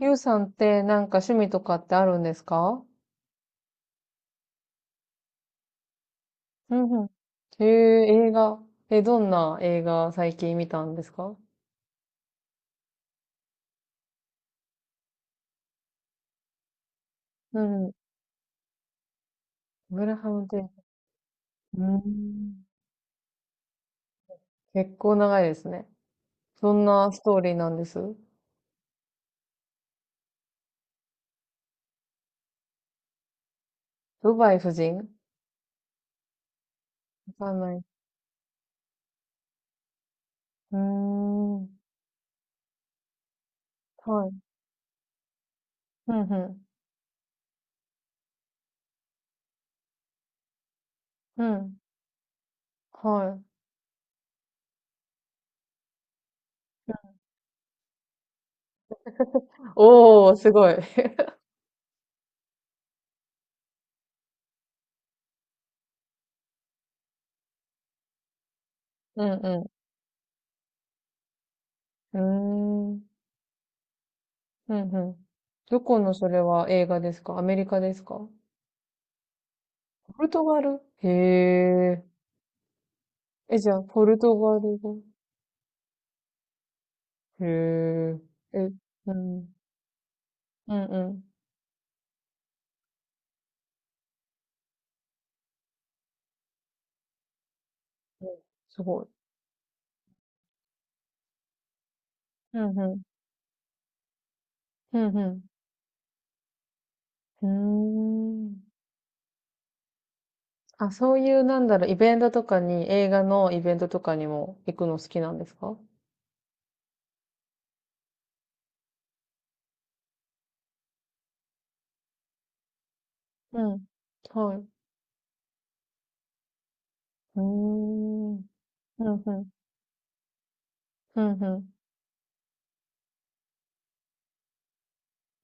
ゆうさんってなんか趣味とかってあるんですか？うんうん。へえ、映画。え、どんな映画最近見たんですか？うん、ブグラハムテープ。うん。結構長いですね。どんなストーリーなんです？ドバイ夫人わかんない。うーん。はい。うんうん。うん。はい。おー、すごい。うんうん。うーん。うんうん。どこのそれは映画ですか？アメリカですか？ポルトガル、へえ。え、じゃあ、ポルトガル語？へえ。え、うん。うんうん。うん、すごい。うんうん。うんうん。うーん。あ、そういう、イベントとかに、映画のイベントとかにも行くの好きなんですか？うん。はい。うーん。うんうん。うんうん。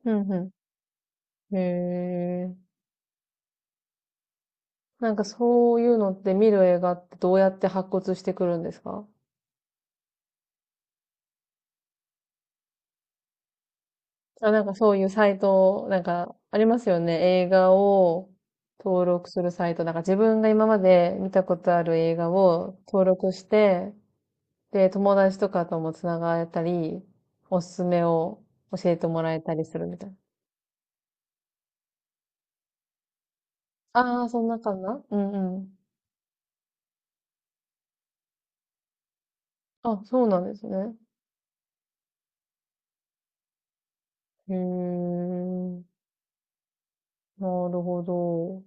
うんうん。へえ。なんかそういうのって見る映画ってどうやって発掘してくるんですか？あ、なんかそういうサイト、なんかありますよね。映画を登録するサイト。なんか自分が今まで見たことある映画を登録して、で、友達とかともつながったり、おすすめを教えてもらえたりするみたいな。ああ、そんな感じな、うんうん。あ、そうなんですね。へえ、なるほど。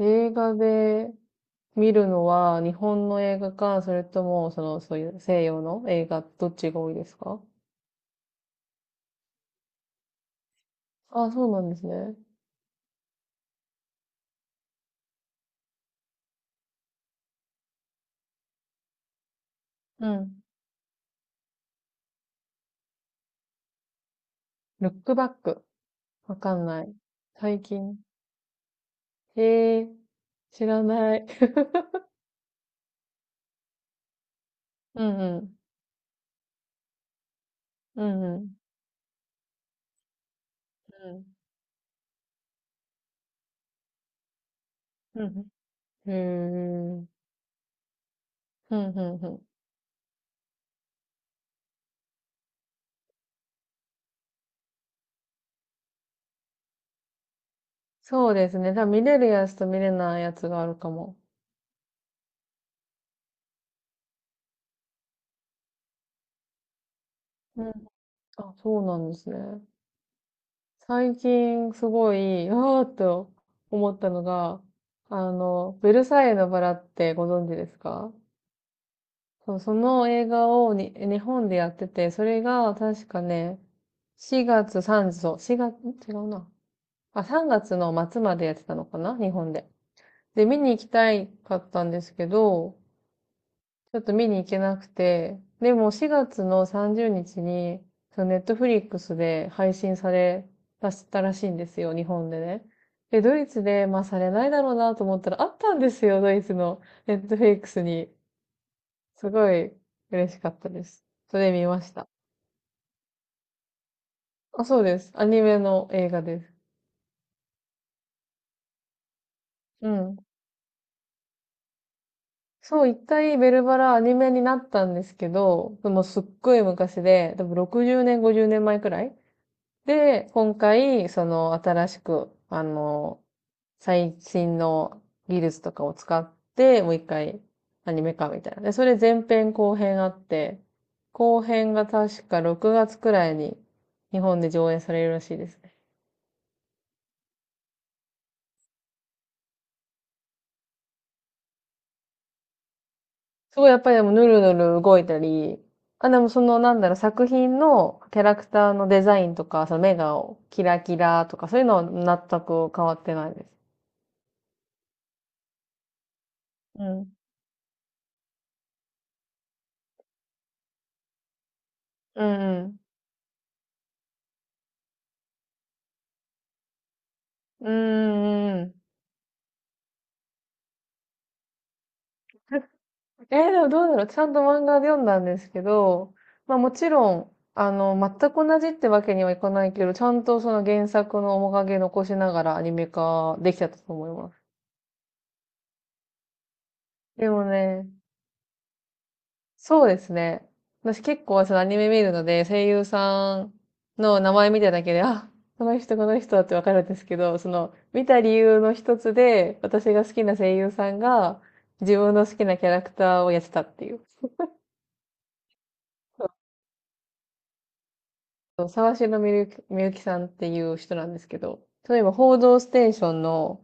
映画で見るのは日本の映画か、それとも、その、そういう西洋の映画、どっちが多いですか？あ、そうなんですね。うん。ルックバック。わかんない。最近。へえ、知らない。うんうん。うんうん。うん。うん。へえ。うんうんうん。そうですね。多分見れるやつと見れないやつがあるかも。うん。あ、そうなんですね。最近すごい、あーっと思ったのが、ベルサイユのバラってご存知ですか？そう、その映画をに日本でやってて、それが確かね、4月3、そう、4月、違うな。あ、3月の末までやってたのかな、日本で。で、見に行きたいかったんですけど、ちょっと見に行けなくて、でも4月の30日にちに、そのネットフリックスで配信されたしたらしいんですよ、日本でね。で、ドイツで、まあされないだろうなと思ったら、あったんですよ、ドイツのネットフリックスに。すごい嬉しかったです。それ見ました。あ、そうです。アニメの映画です。うん。そう、一回ベルバラアニメになったんですけど、でもすっごい昔で、多分60年、50年前くらい。で、今回、その新しく、最新の技術とかを使って、もう一回アニメ化みたいな。で、それ前編後編あって、後編が確か6月くらいに日本で上演されるらしいです。すごい、やっぱりでもヌルヌル動いたり、あ、でもその作品のキャラクターのデザインとか、その目がキラキラとか、そういうのは全く変わってないです。うん。うんうん。うーん、うんうん。えー、でもどうだろう。ちゃんと漫画で読んだんですけど、まあもちろん、全く同じってわけにはいかないけど、ちゃんとその原作の面影残しながらアニメ化できちゃったと思います。でもね、そうですね。私結構そのアニメ見るので、声優さんの名前見ただけで、あ、この人ってわかるんですけど、その見た理由の一つで、私が好きな声優さんが自分の好きなキャラクターをやってたっていう。そう沢城みゆき、みゆきさんっていう人なんですけど、例えば報道ステーションの、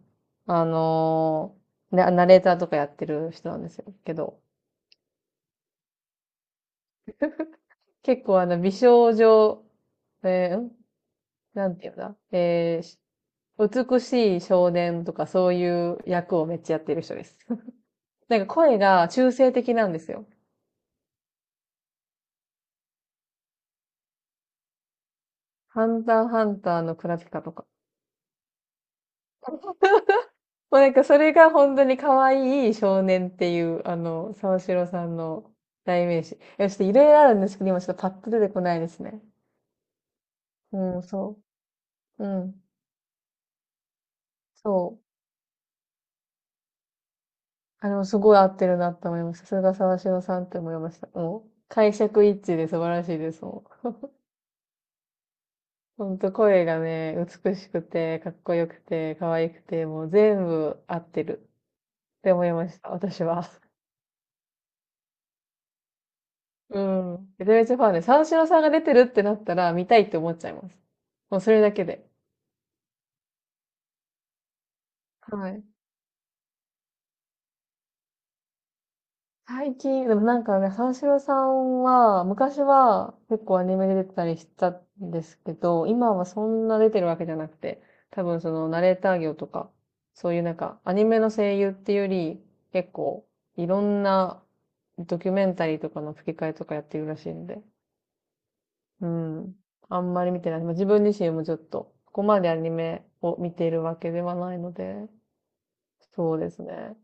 あのーなナレーターとかやってる人なんですよ。けど、結構美少女、えーんなんていうんだ、美しい少年とかそういう役をめっちゃやってる人です。なんか声が中性的なんですよ。ハンターハンターのクラピカとか。もうなんかそれが本当に可愛い少年っていう、沢城さんの代名詞。いや、ちょっといろいろあるんですけど、今ちょっとパッと出てこないですね。うん、そう。うん、そう。あれもすごい合ってるなって思いました。さすが沢城さんって思いました。もう、解釈一致で素晴らしいです。もうほんと声がね、美しくて、かっこよくて、可愛くて、もう全部合ってるって思いました、私は。うん。めちゃめちゃファンで、三四郎さんが出てるってなったら見たいって思っちゃいます。もうそれだけで。はい。最近、でもなんかね、三四郎さんは、昔は結構アニメで出てたりしたんですけど、今はそんな出てるわけじゃなくて、多分そのナレーター業とか、そういうなんかアニメの声優っていうより、結構いろんなドキュメンタリーとかの吹き替えとかやってるらしいんで、うん。あんまり見てない。まあ、自分自身もちょっと、ここまでアニメを見ているわけではないので、そうですね。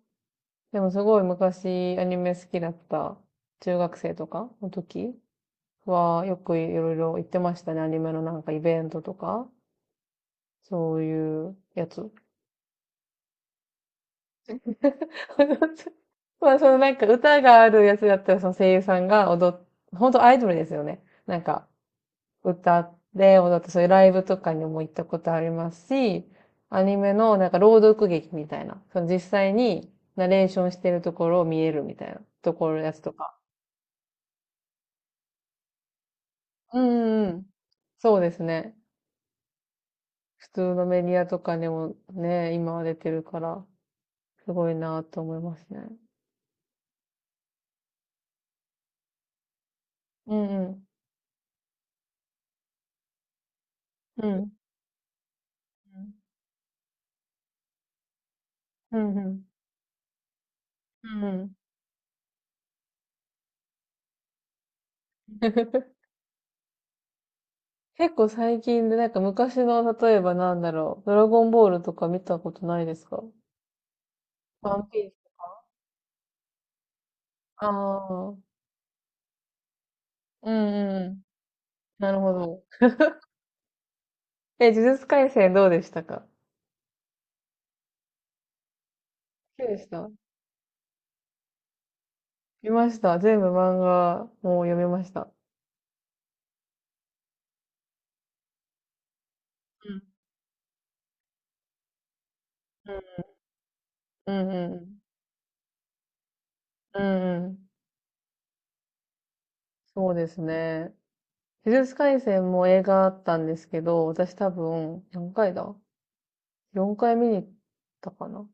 でもすごい昔アニメ好きだった中学生とかの時はよくいろいろ行ってましたね。アニメのなんかイベントとか、そういうやつ。まあそのなんか歌があるやつだったらその声優さんが踊っ、本当アイドルですよね。なんか歌って踊ってそういうライブとかにも行ったことありますし、アニメのなんか朗読劇みたいな、その実際にナレーションしてるところを見えるみたいなところのやつとか。うんうんうん。そうですね。普通のメディアとかでもね、今は出てるから、すごいなと思いますね。うんうん。うん。うん。うん。うんうん。結構最近で、なんか昔の、例えばドラゴンボールとか見たことないですか？ワンピース。ああ。うんうんうん。なるほど。え、呪術廻戦どうでしたか？好きでした？見ました。全部漫画もう読みました。うん。うんうんうん。うんうん。そうですね。呪術廻戦も映画あったんですけど、私多分、何回だ？ 4 回見に行ったかな